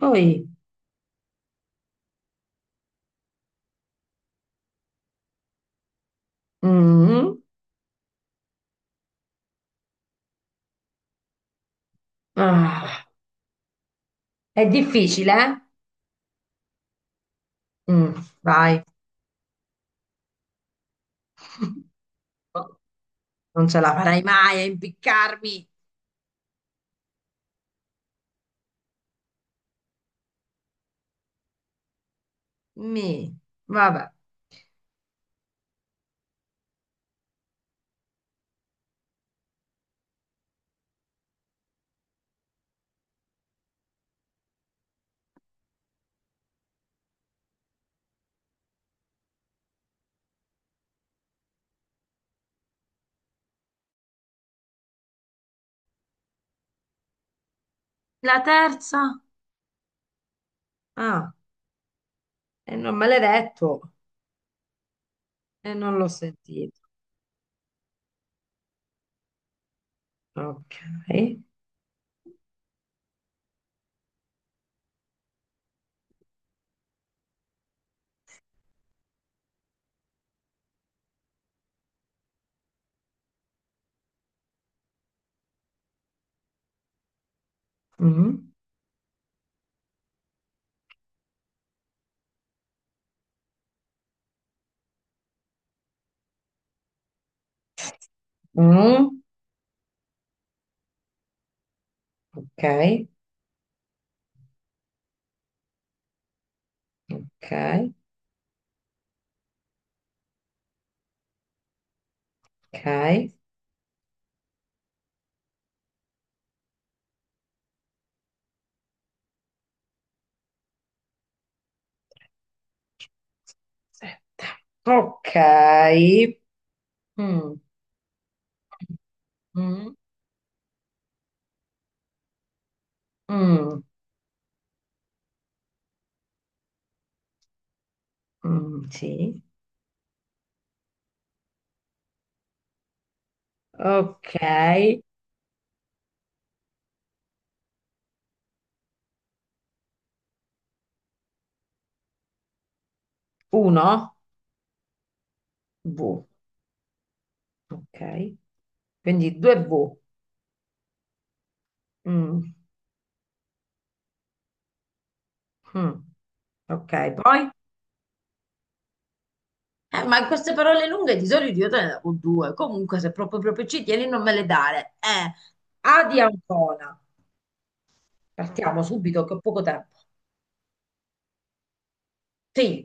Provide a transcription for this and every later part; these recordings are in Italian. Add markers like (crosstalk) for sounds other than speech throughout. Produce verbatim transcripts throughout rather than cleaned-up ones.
Poi, mm, ah, è difficile, eh? Mm, vai, (laughs) non ce la farai mai a impiccarmi. Mi, vabbè. La terza? Ah, e non me l'hai detto e non l'ho sentito. Ok. Mm, mm, ok, ok, ok. Sì. Ok. Mm, mm, mm, mm, sì. Ok. Uno. Boh. Ok, quindi due V. Mm, mm. Ok, poi? Eh, ma queste parole lunghe di solito io te ne davo due. Comunque, se proprio proprio ci tieni, non me le dare. Eh, A di Ancona. Partiamo subito che ho poco tempo. Sì.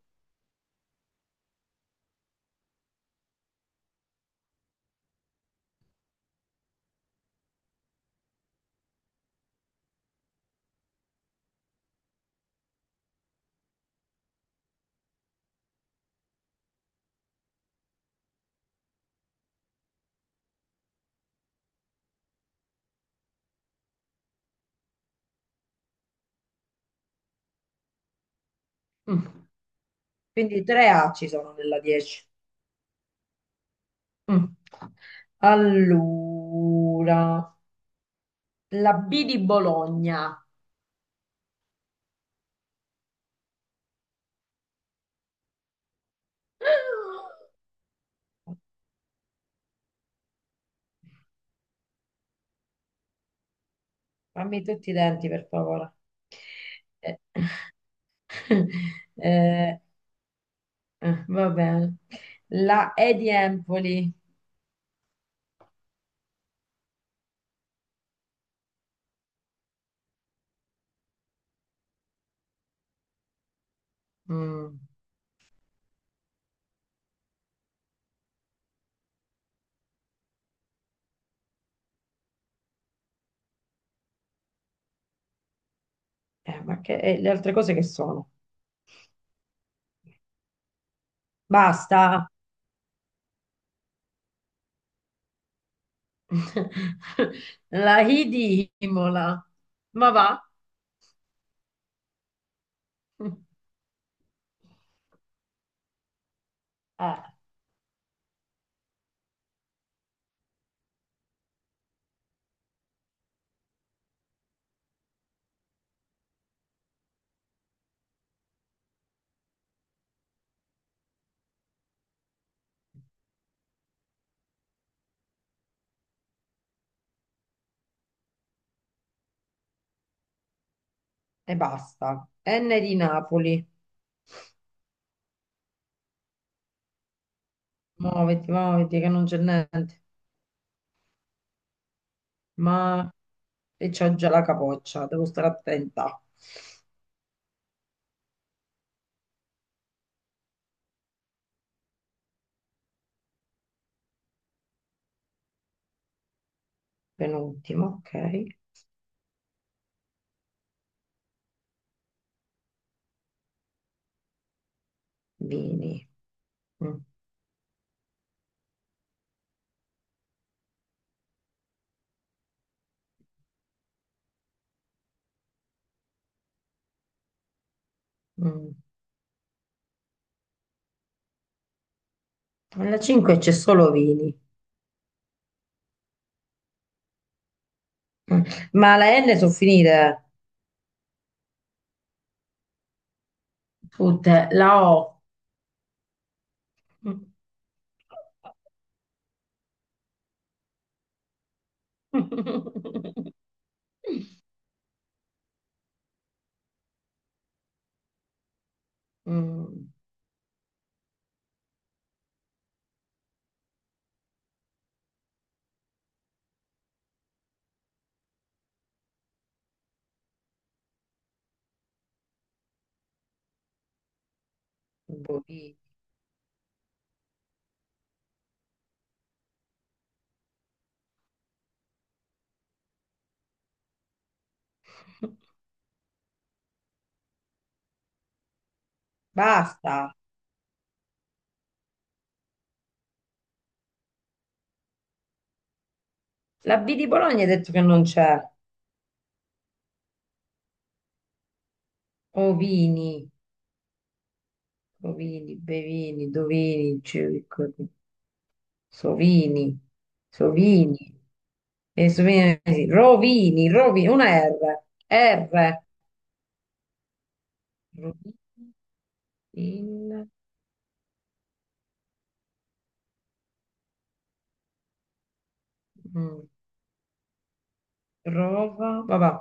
Mm. Quindi tre A ci sono nella dieci. Mm. Allora, la B di Bologna. Fammi tutti i denti, per favore. Eh, (laughs) eh, eh, va bene. La E di Empoli. Mm. Eh, ma che e le altre cose che sono? Basta. (laughs) La I di Imola. Ma va. (laughs) Eh, e basta. N di Napoli. Muoviti, muoviti, che non c'è niente. Ma e c'ho già la capoccia, devo stare attenta. Penultimo, ok. Vini. Mm, mm. Alla cinque c'è solo vini. Mm. Ma la N sono finite. Food, la O. (laughs) Mm, bovini. Basta. La B di Bologna hai detto che non c'è. Ovini, ovini, bevini, dovini, circo- sovini, sovini. E sovini, sì. Rovini, rovini, una R. R. Rovini, in, mm, trova, vabbè.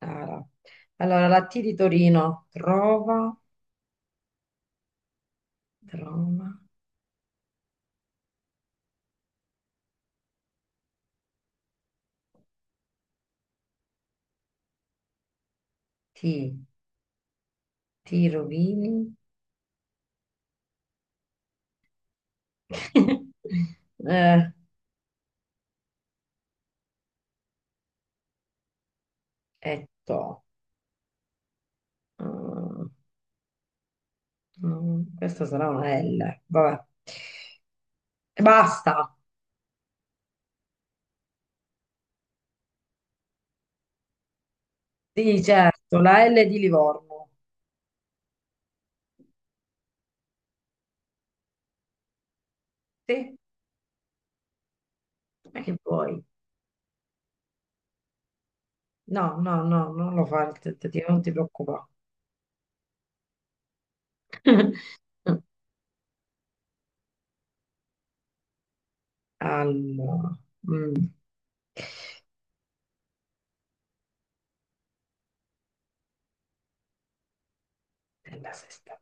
Ara. Allora, la T di Torino, trova. Trauma, ti, ti rovini. (laughs) Eh, e to. Mm, mm, questa sarà una L. Vabbè. E basta. Sì, certo, la L di Livorno. Sì, ma che vuoi? No, no, no, non lo fare il tentativo, non ti preoccupare. (laughs) Allora, mm, nella sesta.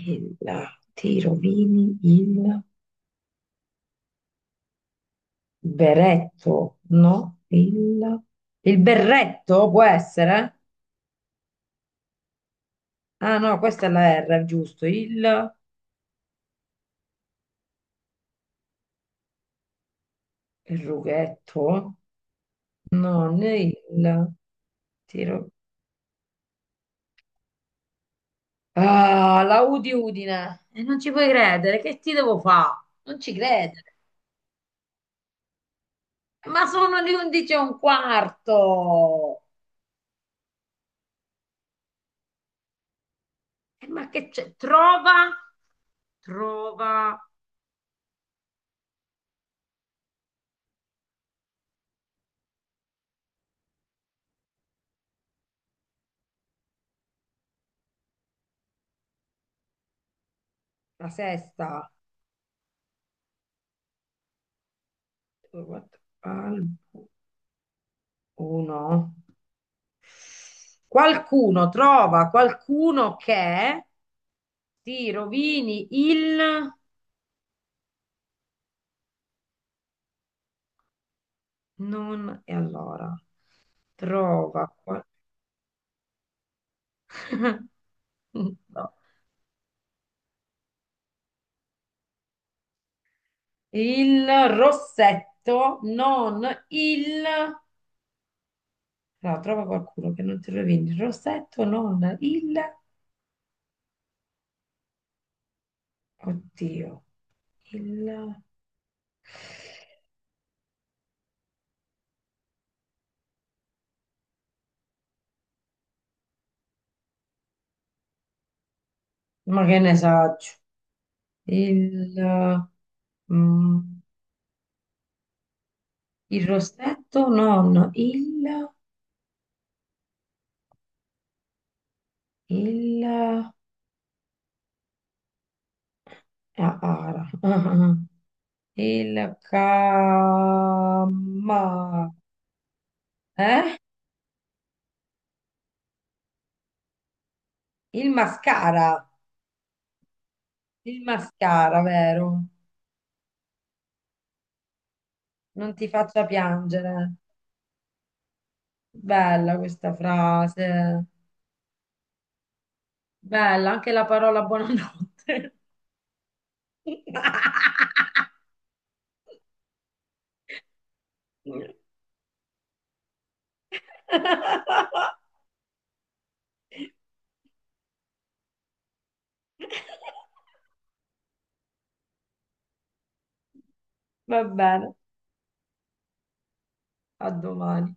Il, ti rovini il... Beretto, no? Il, il berretto può essere? Ah no, questa è la R, giusto. Il, il rughetto? No, né il tiro. Ah, la Udi Udine. E non ci puoi credere, che ti devo fare? Non ci credere. Ma sono le undici e un quarto. Eh, Ma che c'è? Trova, trova la sesta. Due, quattro, albo, uno. Qualcuno trova qualcuno che ti rovini il non e allora trova qual- (laughs) no. Il rossetto, non il no, trova qualcuno che non ti rovini il rossetto, non il oddio, il ma che ne saggio, il mm, il rossetto, non il il ah, ah, il cama, eh? Il mascara, il mascara, vero? Non ti faccia piangere. Bella questa frase. Bella anche la parola buonanotte. (laughs) Va bene, a domani.